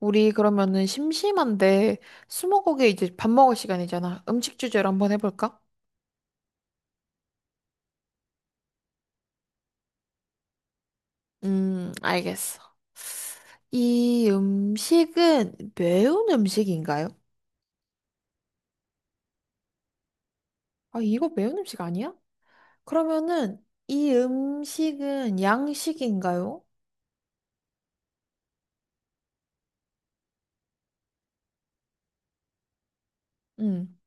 우리 그러면은 심심한데 스무고개 이제 밥 먹을 시간이잖아. 음식 주제로 한번 해볼까? 알겠어. 이 음식은 매운 음식인가요? 아, 이거 매운 음식 아니야? 그러면은 이 음식은 양식인가요? 음.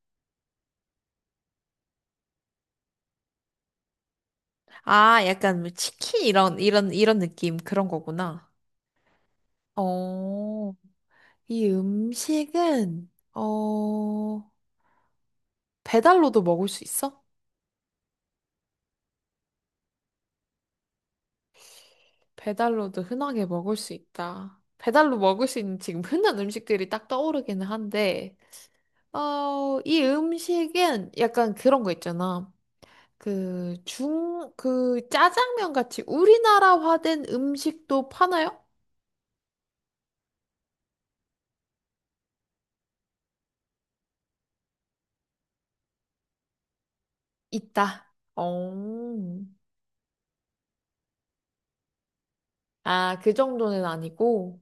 아, 약간 뭐 치킨 이런 느낌 그런 거구나. 어, 이 음식은 배달로도 먹을 수 있어? 배달로도 흔하게 먹을 수 있다. 배달로 먹을 수 있는 지금 흔한 음식들이 딱 떠오르기는 한데, 어, 이 음식은 약간 그런 거 있잖아. 그 짜장면 같이 우리나라화된 음식도 파나요? 있다. 어. 아, 그 정도는 아니고.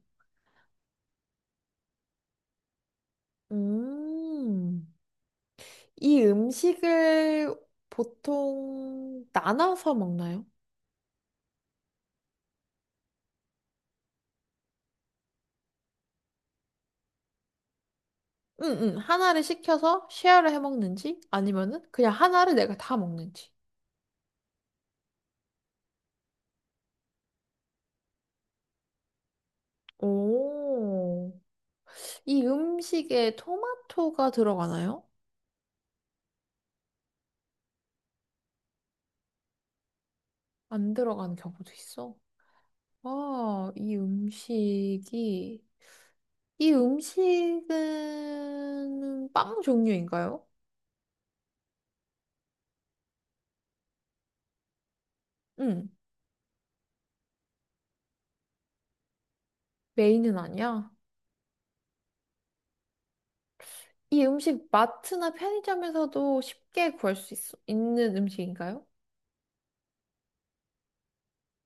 음. 이 음식을 보통 나눠서 먹나요? 응응 하나를 시켜서 쉐어를 해 먹는지 아니면은 그냥 하나를 내가 다 먹는지. 오. 이 음식에 토마토가 들어가나요? 안 들어가는 경우도 있어. 아, 이 음식이 이 음식은 빵 종류인가요? 응. 메인은 아니야. 이 음식 마트나 편의점에서도 쉽게 구할 수 있어, 있는 음식인가요?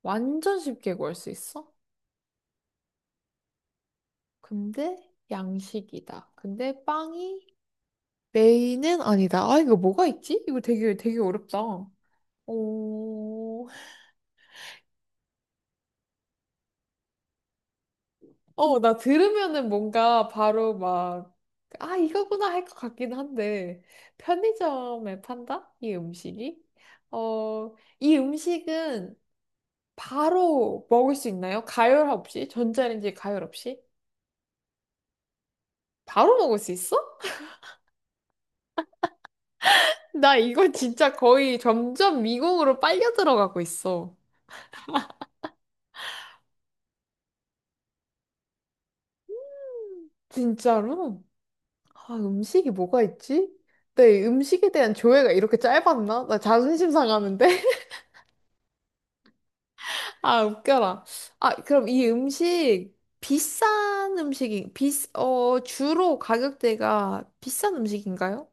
완전 쉽게 구할 수 있어? 근데 양식이다. 근데 빵이 메인은 아니다. 아, 이거 뭐가 있지? 이거 되게 어렵다. 오, 어, 나 들으면은 뭔가 바로 막, 아, 이거구나 할 것 같긴 한데, 편의점에 판다? 이 음식이? 어, 이 음식은 바로 먹을 수 있나요? 가열 없이? 전자레인지 가열 없이? 바로 먹을 수 있어? 나 이거 진짜 거의 점점 미궁으로 빨려 들어가고 있어. 진짜로? 아, 음식이 뭐가 있지? 내 음식에 대한 조회가 이렇게 짧았나? 나 자존심 상하는데? 아, 웃겨라. 아, 그럼 이 음식, 비싼 음식이, 비, 어, 주로 가격대가 비싼 음식인가요?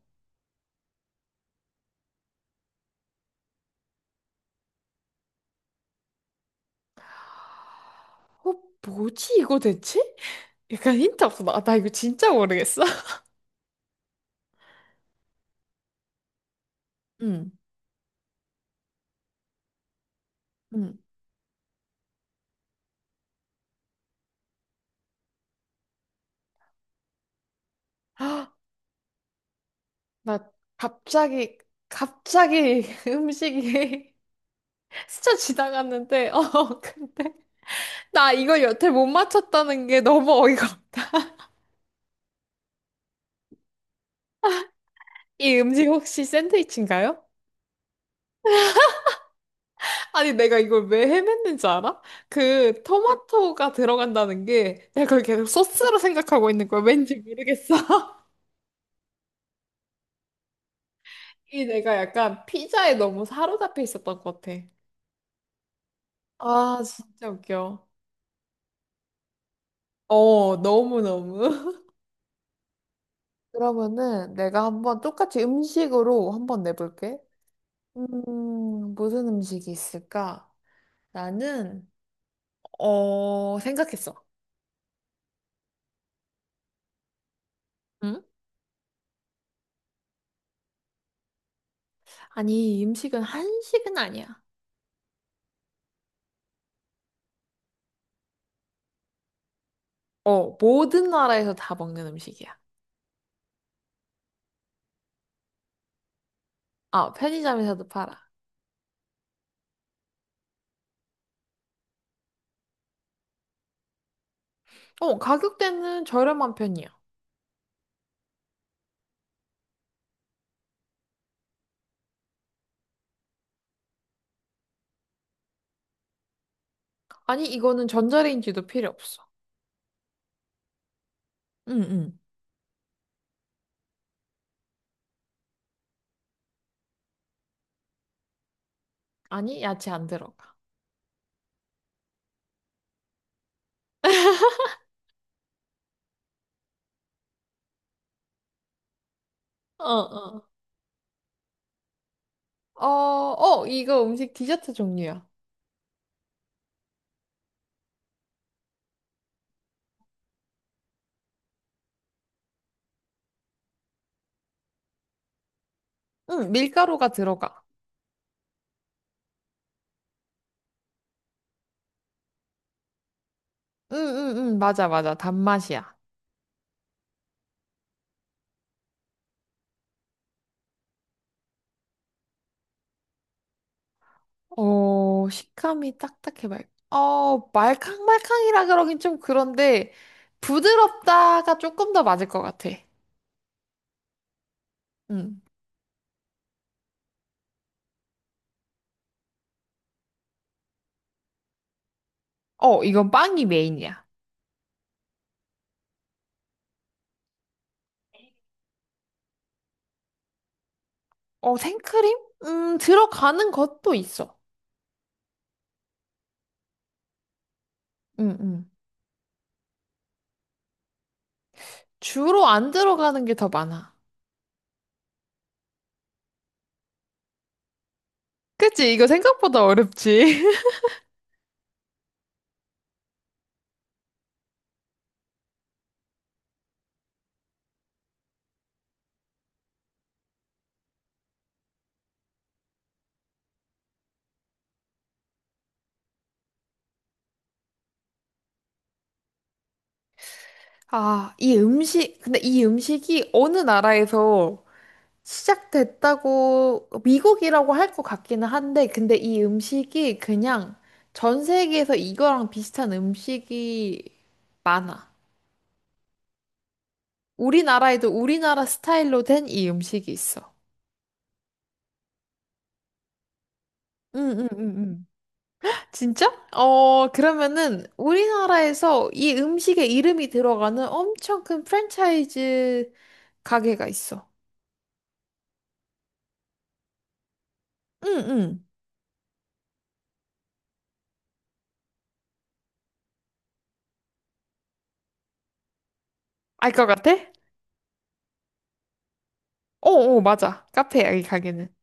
어, 뭐지 이거 대체? 약간 힌트 없어. 나 이거 진짜 모르겠어. 응, 응. 아, 나 갑자기, 갑자기 음식이 스쳐 지나갔는데, 어, 근데. 나 이거 여태 못 맞췄다는 게 너무 어이가 없다. 이 음식 혹시 샌드위치인가요? 아니, 내가 이걸 왜 헤맸는지 알아? 그 토마토가 들어간다는 게 내가 그걸 계속 소스로 생각하고 있는 거야. 왠지 모르겠어. 이 내가 약간 피자에 너무 사로잡혀 있었던 것 같아. 아, 진짜 웃겨. 어, 너무너무. 그러면은 내가 한번 똑같이 음식으로 한번 내볼게. 무슨 음식이 있을까? 나는, 어, 생각했어. 응? 아니, 이 음식은 한식은 아니야. 어, 모든 나라에서 다 먹는 음식이야. 아, 편의점에서도 팔아. 어, 가격대는 저렴한 편이야. 아니, 이거는 전자레인지도 필요 없어. 응, 응. 아니, 야채 안 들어가. 어, 어. 어, 어, 이거 음식 디저트 종류야. 응, 밀가루가 들어가. 응, 응, 응, 맞아, 맞아. 단맛이야. 어, 식감이 딱딱해, 말캉말캉이라 그러긴 좀 그런데, 부드럽다가 조금 더 맞을 것 같아. 응. 어, 이건 빵이 메인이야. 어, 생크림? 들어가는 것도 있어. 응, 응. 주로 안 들어가는 게 더 많아. 그치? 이거 생각보다 어렵지? 아, 이 음식, 근데 이 음식이 어느 나라에서 시작됐다고, 미국이라고 할 것 같기는 한데, 근데 이 음식이 그냥 전 세계에서 이거랑 비슷한 음식이 많아. 우리나라에도 우리나라 스타일로 된 이 음식이 있어. 응, 응, 응, 진짜? 어, 그러면은 우리나라에서 이 음식에 이름이 들어가는 엄청 큰 프랜차이즈 가게가 있어. 응, 응. 알 것 같아? 어, 어, 맞아. 카페야, 이 가게는.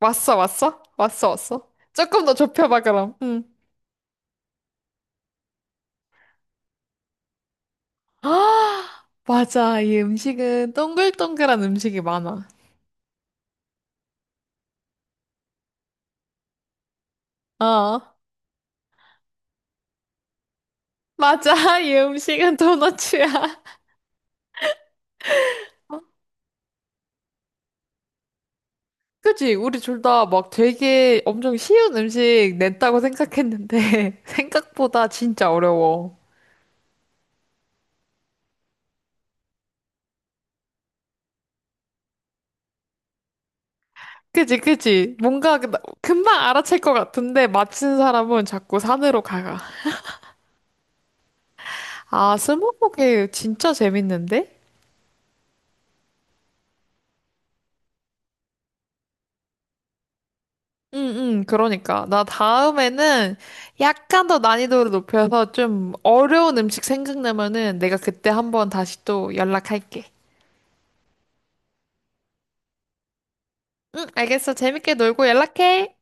왔어, 왔어? 왔어, 왔어? 조금 더 좁혀봐, 그럼. 응. 아, 맞아. 이 음식은 동글동글한 음식이 많아. 어, 맞아. 이 음식은 도너츠야. 그지? 우리 둘 다 막 되게 엄청 쉬운 음식 냈다고 생각했는데, 생각보다 진짜 어려워. 그지? 뭔가 금방 알아챌 것 같은데, 맞힌 사람은 자꾸 산으로 가가. 아, 스무고개 진짜 재밌는데? 응, 응, 그러니까. 나 다음에는 약간 더 난이도를 높여서 좀 어려운 음식 생각나면은 내가 그때 한번 다시 또 연락할게. 응, 알겠어. 재밌게 놀고 연락해.